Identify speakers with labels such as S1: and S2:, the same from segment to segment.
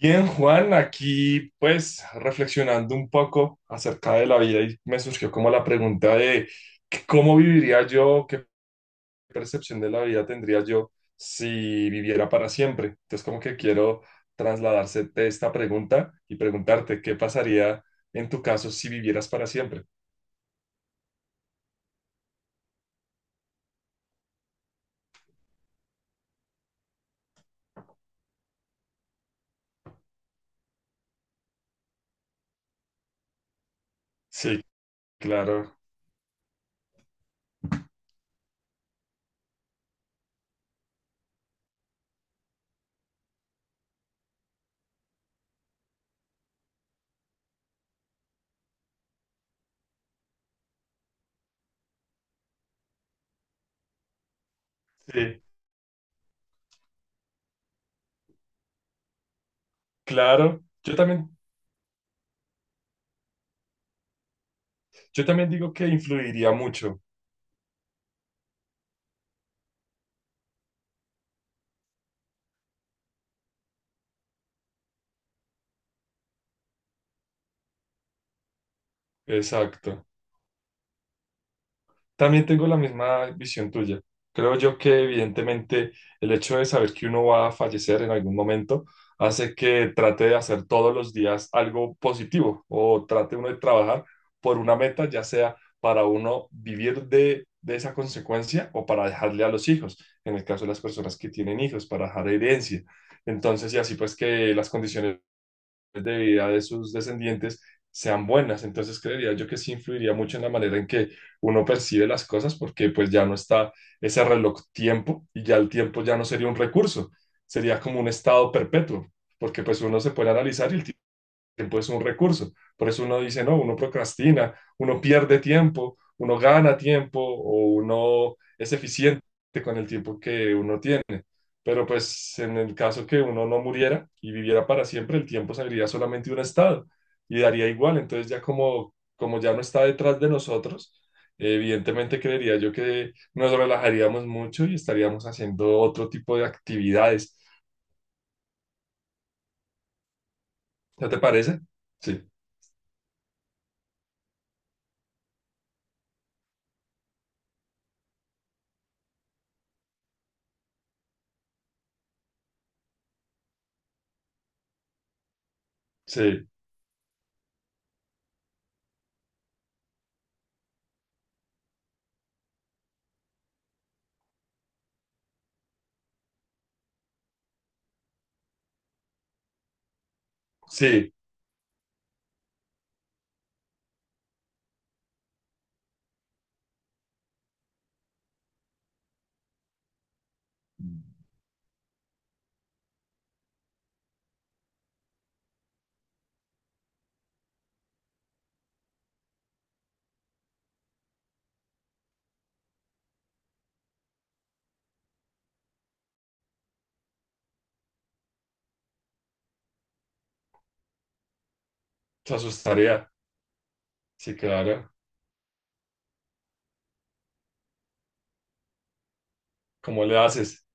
S1: Bien, Juan, aquí pues reflexionando un poco acerca de la vida y me surgió como la pregunta de que cómo viviría yo, qué percepción de la vida tendría yo si viviera para siempre. Entonces como que quiero trasladarse de esta pregunta y preguntarte qué pasaría en tu caso si vivieras para siempre. Sí, claro, sí, claro. Yo también digo que influiría mucho. Exacto. También tengo la misma visión tuya. Creo yo que evidentemente el hecho de saber que uno va a fallecer en algún momento hace que trate de hacer todos los días algo positivo o trate uno de trabajar por una meta, ya sea para uno vivir de esa consecuencia o para dejarle a los hijos, en el caso de las personas que tienen hijos, para dejar herencia. Entonces, y así pues que las condiciones de vida de sus descendientes sean buenas. Entonces creería yo que sí influiría mucho en la manera en que uno percibe las cosas porque pues ya no está ese reloj tiempo y ya el tiempo ya no sería un recurso, sería como un estado perpetuo, porque pues uno se puede analizar y el tiempo es un recurso. Por eso uno dice, no, uno procrastina, uno pierde tiempo, uno gana tiempo o uno es eficiente con el tiempo que uno tiene. Pero pues en el caso que uno no muriera y viviera para siempre, el tiempo sería solamente un estado y daría igual. Entonces ya como, como ya no está detrás de nosotros, evidentemente creería yo que nos relajaríamos mucho y estaríamos haciendo otro tipo de actividades. ¿No te parece? Sí, sí, sí, se asustaría. Sí, claro. ¿Cómo le haces?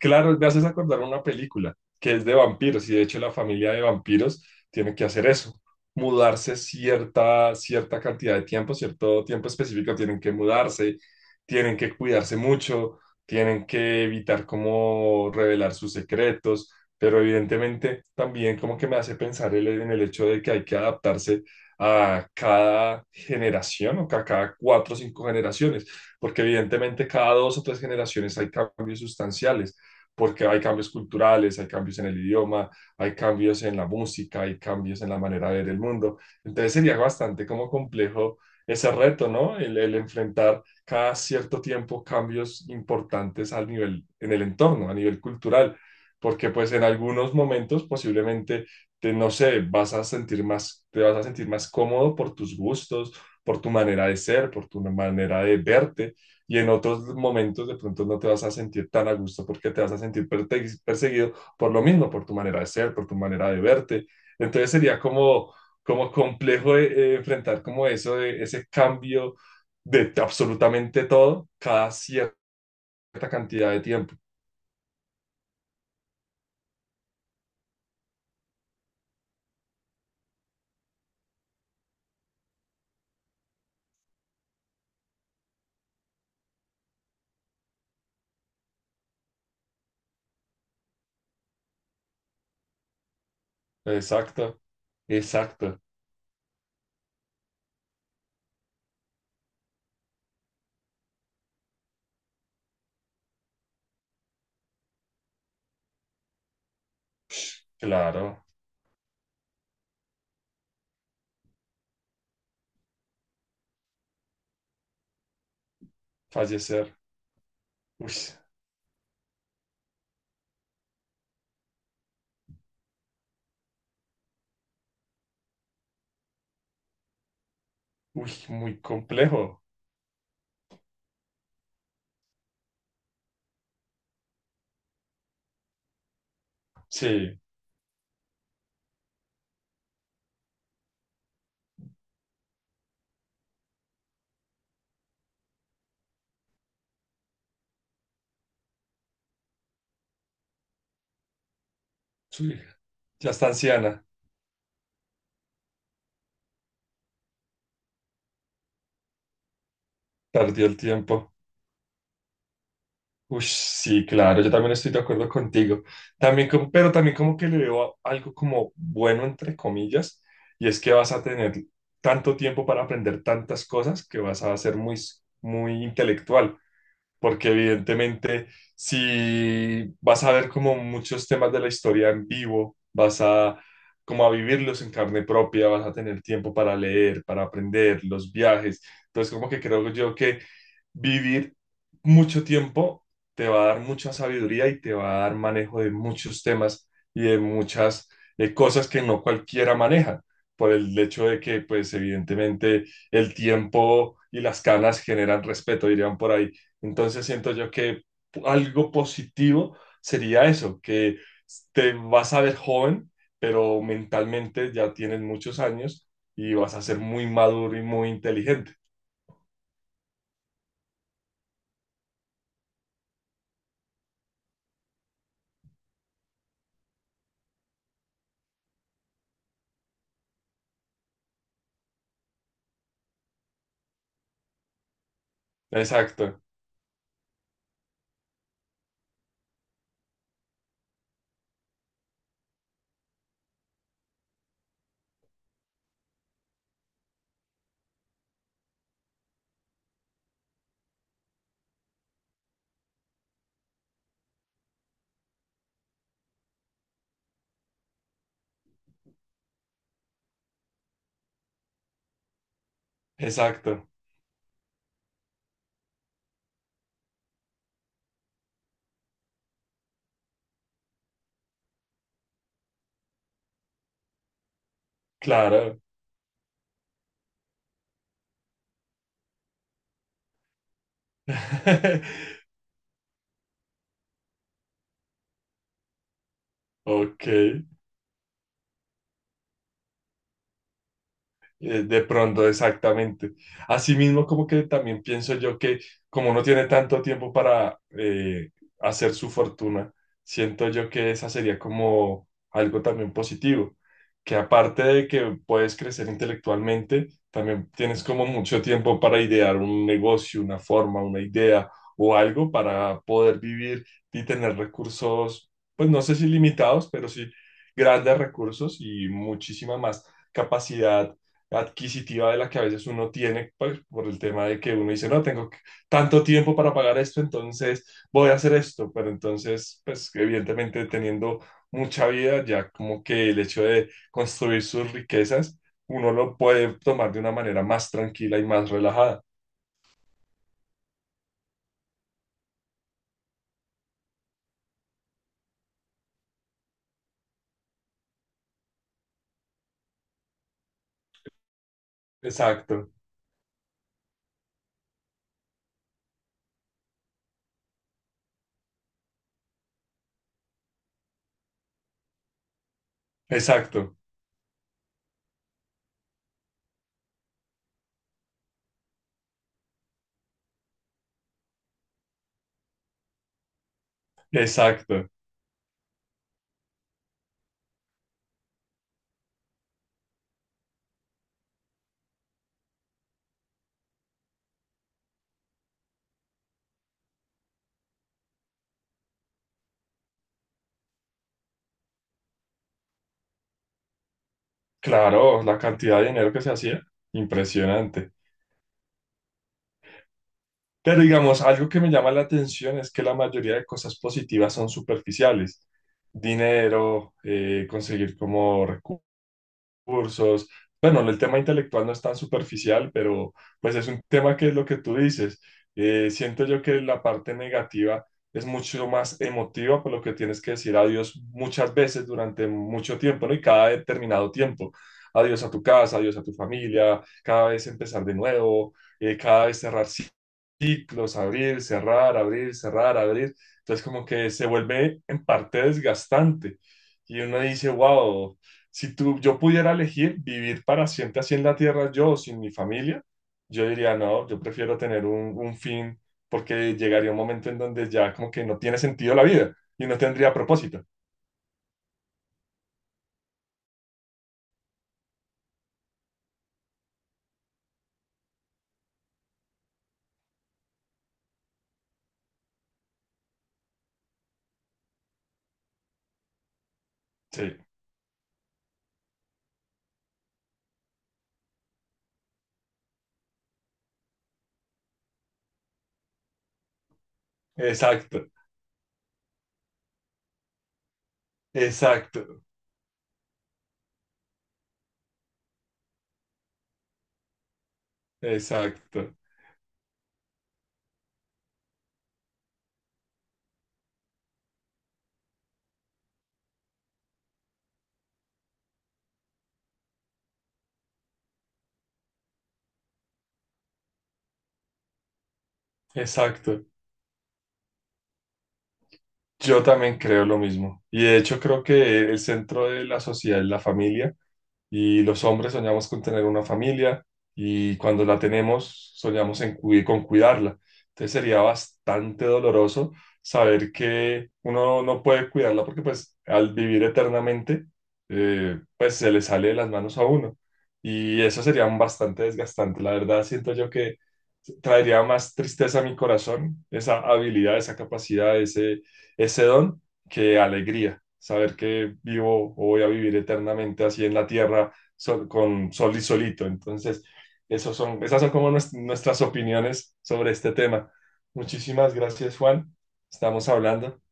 S1: Claro, me haces acordar una película que es de vampiros y de hecho la familia de vampiros tiene que hacer eso, mudarse cierta, cierta cantidad de tiempo, cierto tiempo específico, tienen que mudarse, tienen que cuidarse mucho, tienen que evitar como revelar sus secretos, pero evidentemente también como que me hace pensar en el hecho de que hay que adaptarse a cada generación o que a cada cuatro o cinco generaciones porque evidentemente cada dos o tres generaciones hay cambios sustanciales, porque hay cambios culturales, hay cambios en el idioma, hay cambios en la música, hay cambios en la manera de ver el mundo. Entonces sería bastante como complejo ese reto, ¿no? El enfrentar cada cierto tiempo cambios importantes al nivel, en el entorno, a nivel cultural, porque pues en algunos momentos posiblemente te, no sé, vas a sentir más, te vas a sentir más cómodo por tus gustos, por tu manera de ser, por tu manera de verte, y en otros momentos de pronto no te vas a sentir tan a gusto porque te vas a sentir perseguido por lo mismo, por tu manera de ser, por tu manera de verte. Entonces sería como, como complejo enfrentar como eso, ese cambio de absolutamente todo cada cierta cantidad de tiempo. Exacto, exacto, claro, fallecer. Uy, uy, muy complejo. Sí, sí, ya está anciana, perdió el tiempo. Ush, sí, claro, yo también estoy de acuerdo contigo. También pero también como que le veo algo como bueno, entre comillas, y es que vas a tener tanto tiempo para aprender tantas cosas que vas a ser muy, muy intelectual porque evidentemente si vas a ver como muchos temas de la historia en vivo, vas a como a vivirlos en carne propia, vas a tener tiempo para leer, para aprender, los viajes. Entonces, como que creo yo que vivir mucho tiempo te va a dar mucha sabiduría y te va a dar manejo de muchos temas y de muchas cosas que no cualquiera maneja, por el hecho de que, pues, evidentemente el tiempo y las canas generan respeto, dirían por ahí. Entonces siento yo que algo positivo sería eso, que te vas a ver joven, pero mentalmente ya tienes muchos años y vas a ser muy maduro y muy inteligente. Exacto, exacto, claro. Ok. De pronto, exactamente. Asimismo, como que también pienso yo que como no tiene tanto tiempo para hacer su fortuna, siento yo que esa sería como algo también positivo, que aparte de que puedes crecer intelectualmente, también tienes como mucho tiempo para idear un negocio, una forma, una idea o algo para poder vivir y tener recursos, pues no sé si limitados, pero sí grandes recursos y muchísima más capacidad adquisitiva de la que a veces uno tiene pues, por el tema de que uno dice, no, tanto tiempo para pagar esto, entonces voy a hacer esto, pero entonces, pues evidentemente teniendo mucha vida, ya como que el hecho de construir sus riquezas, uno lo puede tomar de una manera más tranquila y más relajada. Exacto, exacto, exacto. Claro, la cantidad de dinero que se hacía, impresionante. Pero digamos, algo que me llama la atención es que la mayoría de cosas positivas son superficiales. Dinero, conseguir como recursos cursos. Bueno, el tema intelectual no es tan superficial, pero pues es un tema que es lo que tú dices. Siento yo que la parte negativa es mucho más emotiva, por lo que tienes que decir adiós muchas veces durante mucho tiempo, ¿no? Y cada determinado tiempo. Adiós a tu casa, adiós a tu familia, cada vez empezar de nuevo, cada vez cerrar ciclos, abrir, cerrar, abrir, cerrar, abrir. Entonces como que se vuelve en parte desgastante. Y uno dice, wow. Si tú, yo pudiera elegir vivir para siempre así en la tierra, yo o sin mi familia, yo diría, no, yo prefiero tener un fin porque llegaría un momento en donde ya como que no tiene sentido la vida y no tendría propósito. Sí, exacto, exacto, exacto, exacto. Yo también creo lo mismo. Y de hecho creo que el centro de la sociedad es la familia y los hombres soñamos con tener una familia y cuando la tenemos soñamos en con cuidarla. Entonces sería bastante doloroso saber que uno no puede cuidarla porque pues al vivir eternamente pues se le sale de las manos a uno y eso sería bastante desgastante. La verdad siento yo que traería más tristeza a mi corazón esa habilidad, esa capacidad, ese don que alegría saber que vivo o voy a vivir eternamente así en la tierra con sol y solito. Entonces, esos son, esas son como nuestras opiniones sobre este tema. Muchísimas gracias, Juan. Estamos hablando.